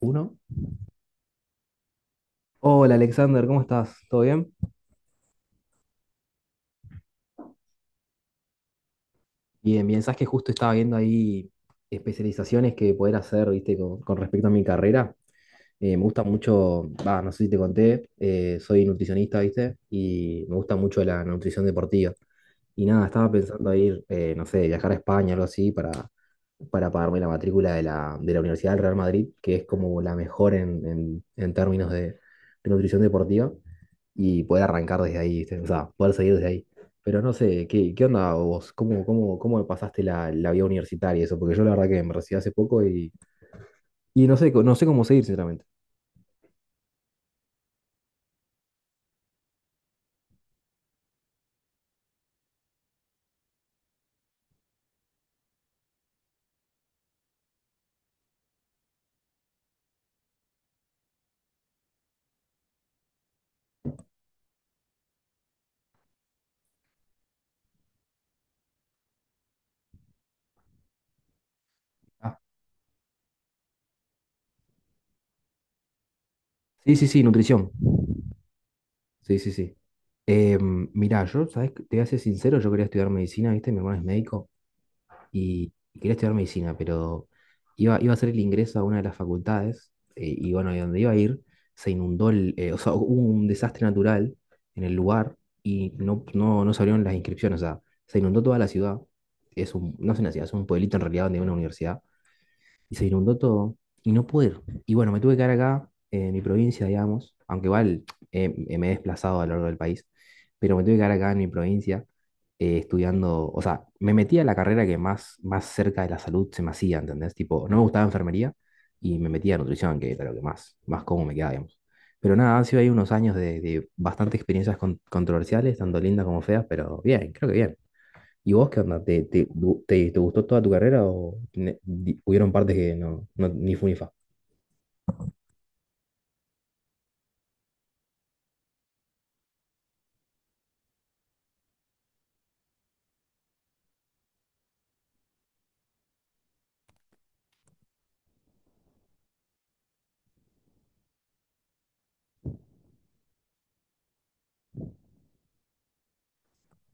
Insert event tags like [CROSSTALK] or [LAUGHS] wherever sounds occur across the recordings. Uno. Hola Alexander, ¿cómo estás? ¿Todo bien? Bien, bien, sabes que justo estaba viendo ahí especializaciones que poder hacer, viste, con respecto a mi carrera. Me gusta mucho, va, no sé si te conté, soy nutricionista, viste, y me gusta mucho la nutrición deportiva. Y nada, estaba pensando ir, no sé, viajar a España, algo así, para pagarme la matrícula de la Universidad del Real Madrid, que es como la mejor en términos de nutrición deportiva. Y poder arrancar desde ahí, ¿viste? O sea, poder seguir desde ahí. Pero no sé, qué onda vos? Cómo pasaste la vida universitaria y eso? Porque yo la verdad que me recibí hace poco y no sé, no sé cómo seguir, sinceramente. Ah, sí, sí, sí, nutrición. Sí, sí, sí. mira Mirá, yo, ¿sabes? Te voy a ser sincero, yo quería estudiar medicina, ¿viste? Mi hermano es médico. Y quería estudiar medicina, pero iba a hacer el ingreso a una de las facultades, y bueno, de donde iba a ir se inundó, o sea, [LAUGHS] hubo un desastre natural en el lugar y no se abrieron las inscripciones, o sea, se inundó toda la ciudad, es un, no es una ciudad, es un pueblito en realidad donde hay una universidad y se inundó todo y no pude ir. Y bueno, me tuve que quedar acá, en mi provincia, digamos, aunque igual me he desplazado a lo largo del país, pero me tuve que quedar acá en mi provincia estudiando, o sea, me metí a la carrera que más cerca de la salud se me hacía, ¿entendés? Tipo, no me gustaba enfermería y me metí a nutrición, que era lo que más cómodo me quedaba, digamos. Pero nada, han sido ahí unos años de bastantes experiencias controversiales, tanto lindas como feas, pero bien, creo que bien. ¿Y vos qué onda? Te gustó toda tu carrera o hubieron partes que no, no ni fu ni fa?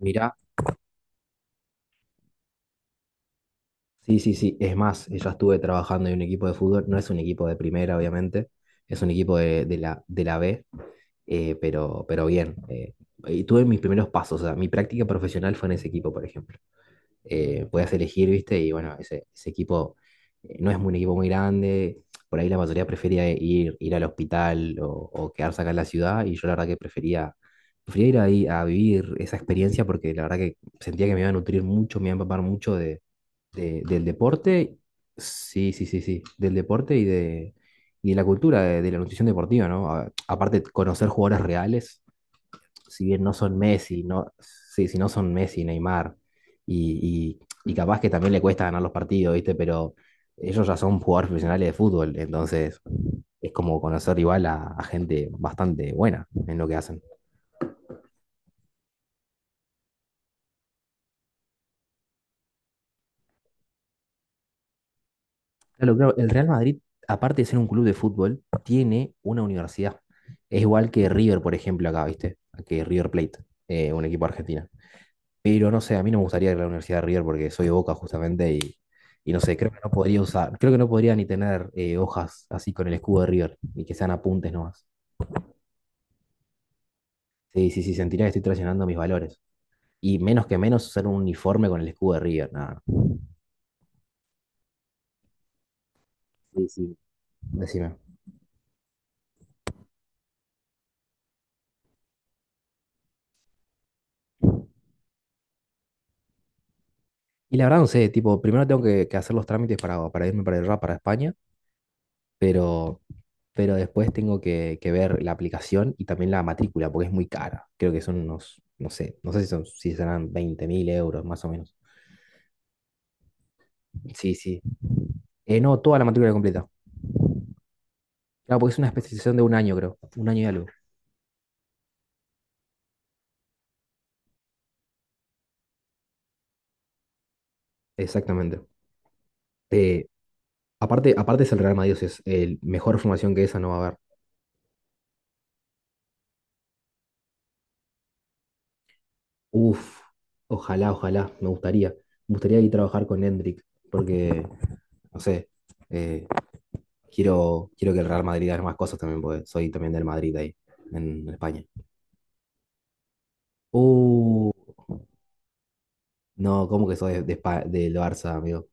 Mirá, sí, sí, sí. Es más, yo estuve trabajando en un equipo de fútbol. No es un equipo de primera, obviamente. Es un equipo de, de la B, pero bien. Y tuve mis primeros pasos. O sea, mi práctica profesional fue en ese equipo, por ejemplo. Puedas elegir, ¿viste? Y bueno, ese equipo no es un equipo muy grande, por ahí la mayoría prefería ir, ir al hospital o quedarse acá en la ciudad y yo la verdad que prefería, prefería ir ahí a vivir esa experiencia porque la verdad que sentía que me iba a nutrir mucho, me iba a empapar mucho de, del deporte, sí, sí, sí, sí, del deporte y de la cultura de la nutrición deportiva, ¿no? Aparte conocer jugadores reales, si bien no son Messi, no, sí, si no son Messi, Neymar, y, y capaz que también le cuesta ganar los partidos, ¿viste? Pero ellos ya son jugadores profesionales de fútbol, entonces es como conocer igual a gente bastante buena en lo que hacen. Claro, claro, el Real Madrid, aparte de ser un club de fútbol, tiene una universidad. Es igual que River, por ejemplo, acá, ¿viste? Que River Plate, un equipo argentino. Pero no sé, a mí no me gustaría ir a la Universidad de River porque soy de Boca justamente y no sé, creo que no podría usar, creo que no podría ni tener, hojas así con el escudo de River y que sean apuntes nomás. Sí, sí, sí, sentiría que estoy traicionando mis valores. Y menos que menos usar un uniforme con el escudo de River, nada. Sí, sí, decime. Y la verdad no sé, tipo, primero tengo que hacer los trámites para irme para el RAP para España, pero, pero después tengo que ver la aplicación y también la matrícula porque es muy cara. Creo que son unos, no sé, no sé si son, si serán 20.000 euros más o menos. Sí, sí. No, toda la matrícula completa. Claro, porque es una especialización de un año, creo. Un año y algo. Exactamente. Eh, Aparte es el Real Madrid, o sea, es el mejor formación que esa no va a haber. Uf, ojalá, ojalá, me gustaría. Me gustaría ir a trabajar con Hendrik, porque, no sé, eh, quiero, quiero que el Real Madrid haga más cosas también, porque soy también del Madrid ahí, en España. Uh, no, ¿cómo que soy de, del Barça, amigo?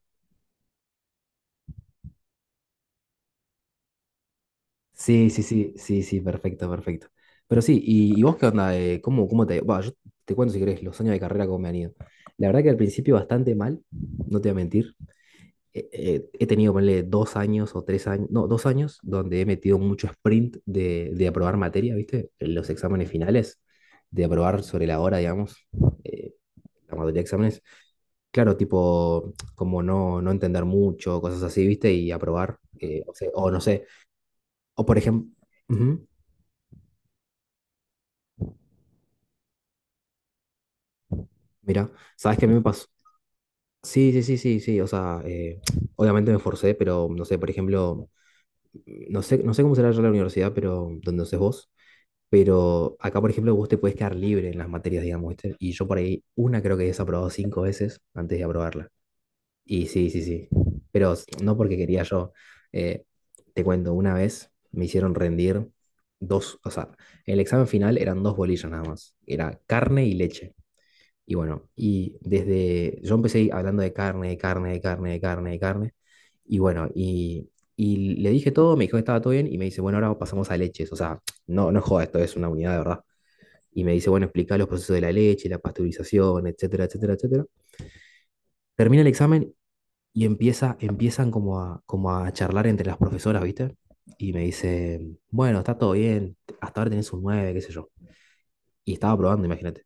Sí, sí, sí, sí, sí, perfecto, perfecto. Pero sí, y vos qué onda? ¿Cómo, cómo te... va, yo te cuento si querés los años de carrera cómo me han ido. La verdad que al principio bastante mal, no te voy a mentir. He tenido, ponle, dos años o tres años, no, dos años donde he metido mucho sprint de aprobar materia, ¿viste? En los exámenes finales, de aprobar sobre la hora, digamos, eh, la mayoría de exámenes. Claro, tipo, como no, no entender mucho, cosas así, ¿viste? Y aprobar, o sea, o no sé o por ejemplo, mira, ¿sabes qué a mí me pasó? Sí, sí, sí, sí, sí, o sea, obviamente me esforcé, pero no sé, por ejemplo, no sé, no sé cómo será allá en la universidad, pero donde haces vos, pero acá, por ejemplo, vos te puedes quedar libre en las materias, digamos, ¿viste? Y yo por ahí una creo que he desaprobado 5 veces antes de aprobarla. Y sí, sí, sí, pero no porque quería yo, eh, te cuento, una vez me hicieron rendir dos, o sea, el examen final eran dos bolillas nada más, era carne y leche. Y bueno, y desde, yo empecé hablando de carne, de carne, de carne, de carne, de carne. Y bueno, y le dije todo, me dijo que estaba todo bien y me dice, bueno, ahora pasamos a leches. O sea, no, no es joda, esto es una unidad de verdad. Y me dice, bueno, explica los procesos de la leche, la pasteurización, etcétera, etcétera, etcétera. Termina el examen y empiezan como a, como a charlar entre las profesoras, ¿viste? Y me dice, bueno, está todo bien, hasta ahora tenés un 9 qué sé yo. Y estaba probando, imagínate.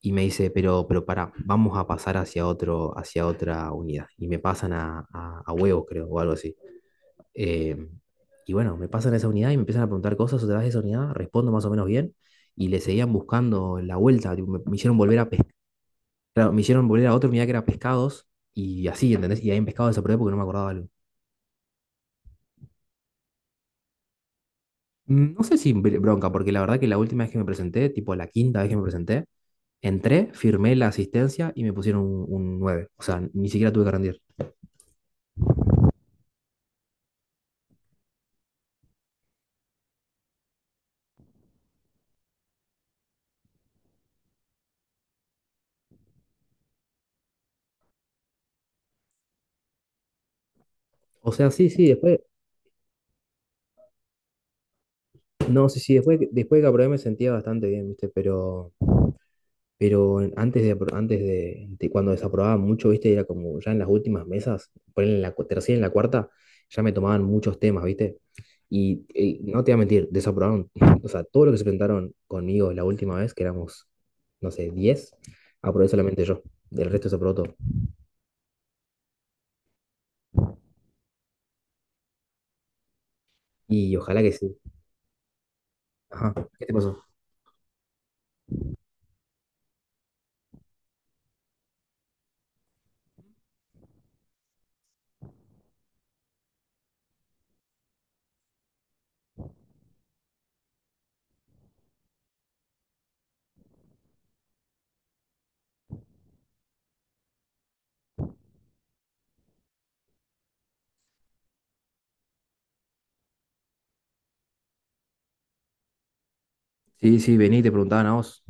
Y me dice, pero para, vamos a pasar hacia otro, hacia otra unidad. Y me pasan a huevos, creo, o algo así. Eh, y bueno, me pasan a esa unidad y me empiezan a preguntar cosas otra vez de esa unidad, respondo más o menos bien, y le seguían buscando la vuelta, tipo, me hicieron volver a claro, me hicieron volver a otra unidad que era pescados, y así, ¿entendés? Y ahí en pescados desaprovechado porque no me acordaba. Mm, no sé si bronca, porque la verdad que la última vez que me presenté, tipo la 5.ª vez que me presenté, entré, firmé la asistencia y me pusieron un 9. O sea, ni siquiera tuve que rendir. O sea, sí, sí, después, no, sí, sí, después, después que aprobé me sentía bastante bien, ¿viste? Pero antes de, antes de cuando desaprobaba mucho, ¿viste? Era como ya en las últimas mesas, ponele en la tercera y en la cuarta, ya me tomaban muchos temas, ¿viste? Y, no te voy a mentir, desaprobaron, [LAUGHS] o sea, todo lo que se presentaron conmigo la última vez, que éramos, no sé, 10, aprobé solamente yo, del resto desaprobó todo. Y ojalá que sí. Ajá, ¿qué te pasó? Sí, sí, vení y te preguntaban a vos.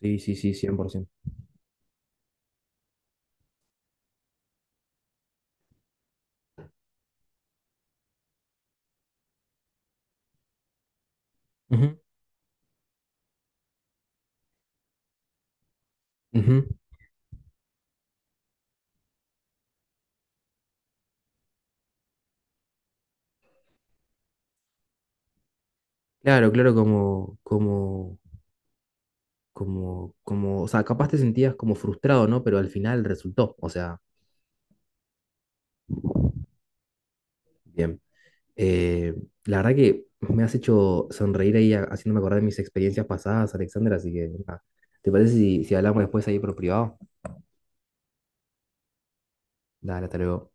Sí, sí, sí, 100%. Ujú, ujú. Claro, claro, como, o sea, capaz te sentías como frustrado, ¿no? Pero al final resultó, o sea, bien. Eh, la verdad que me has hecho sonreír ahí haciéndome acordar de mis experiencias pasadas, Alexander, así que, nada. ¿Te parece si, si hablamos después ahí por privado? Dale, hasta luego.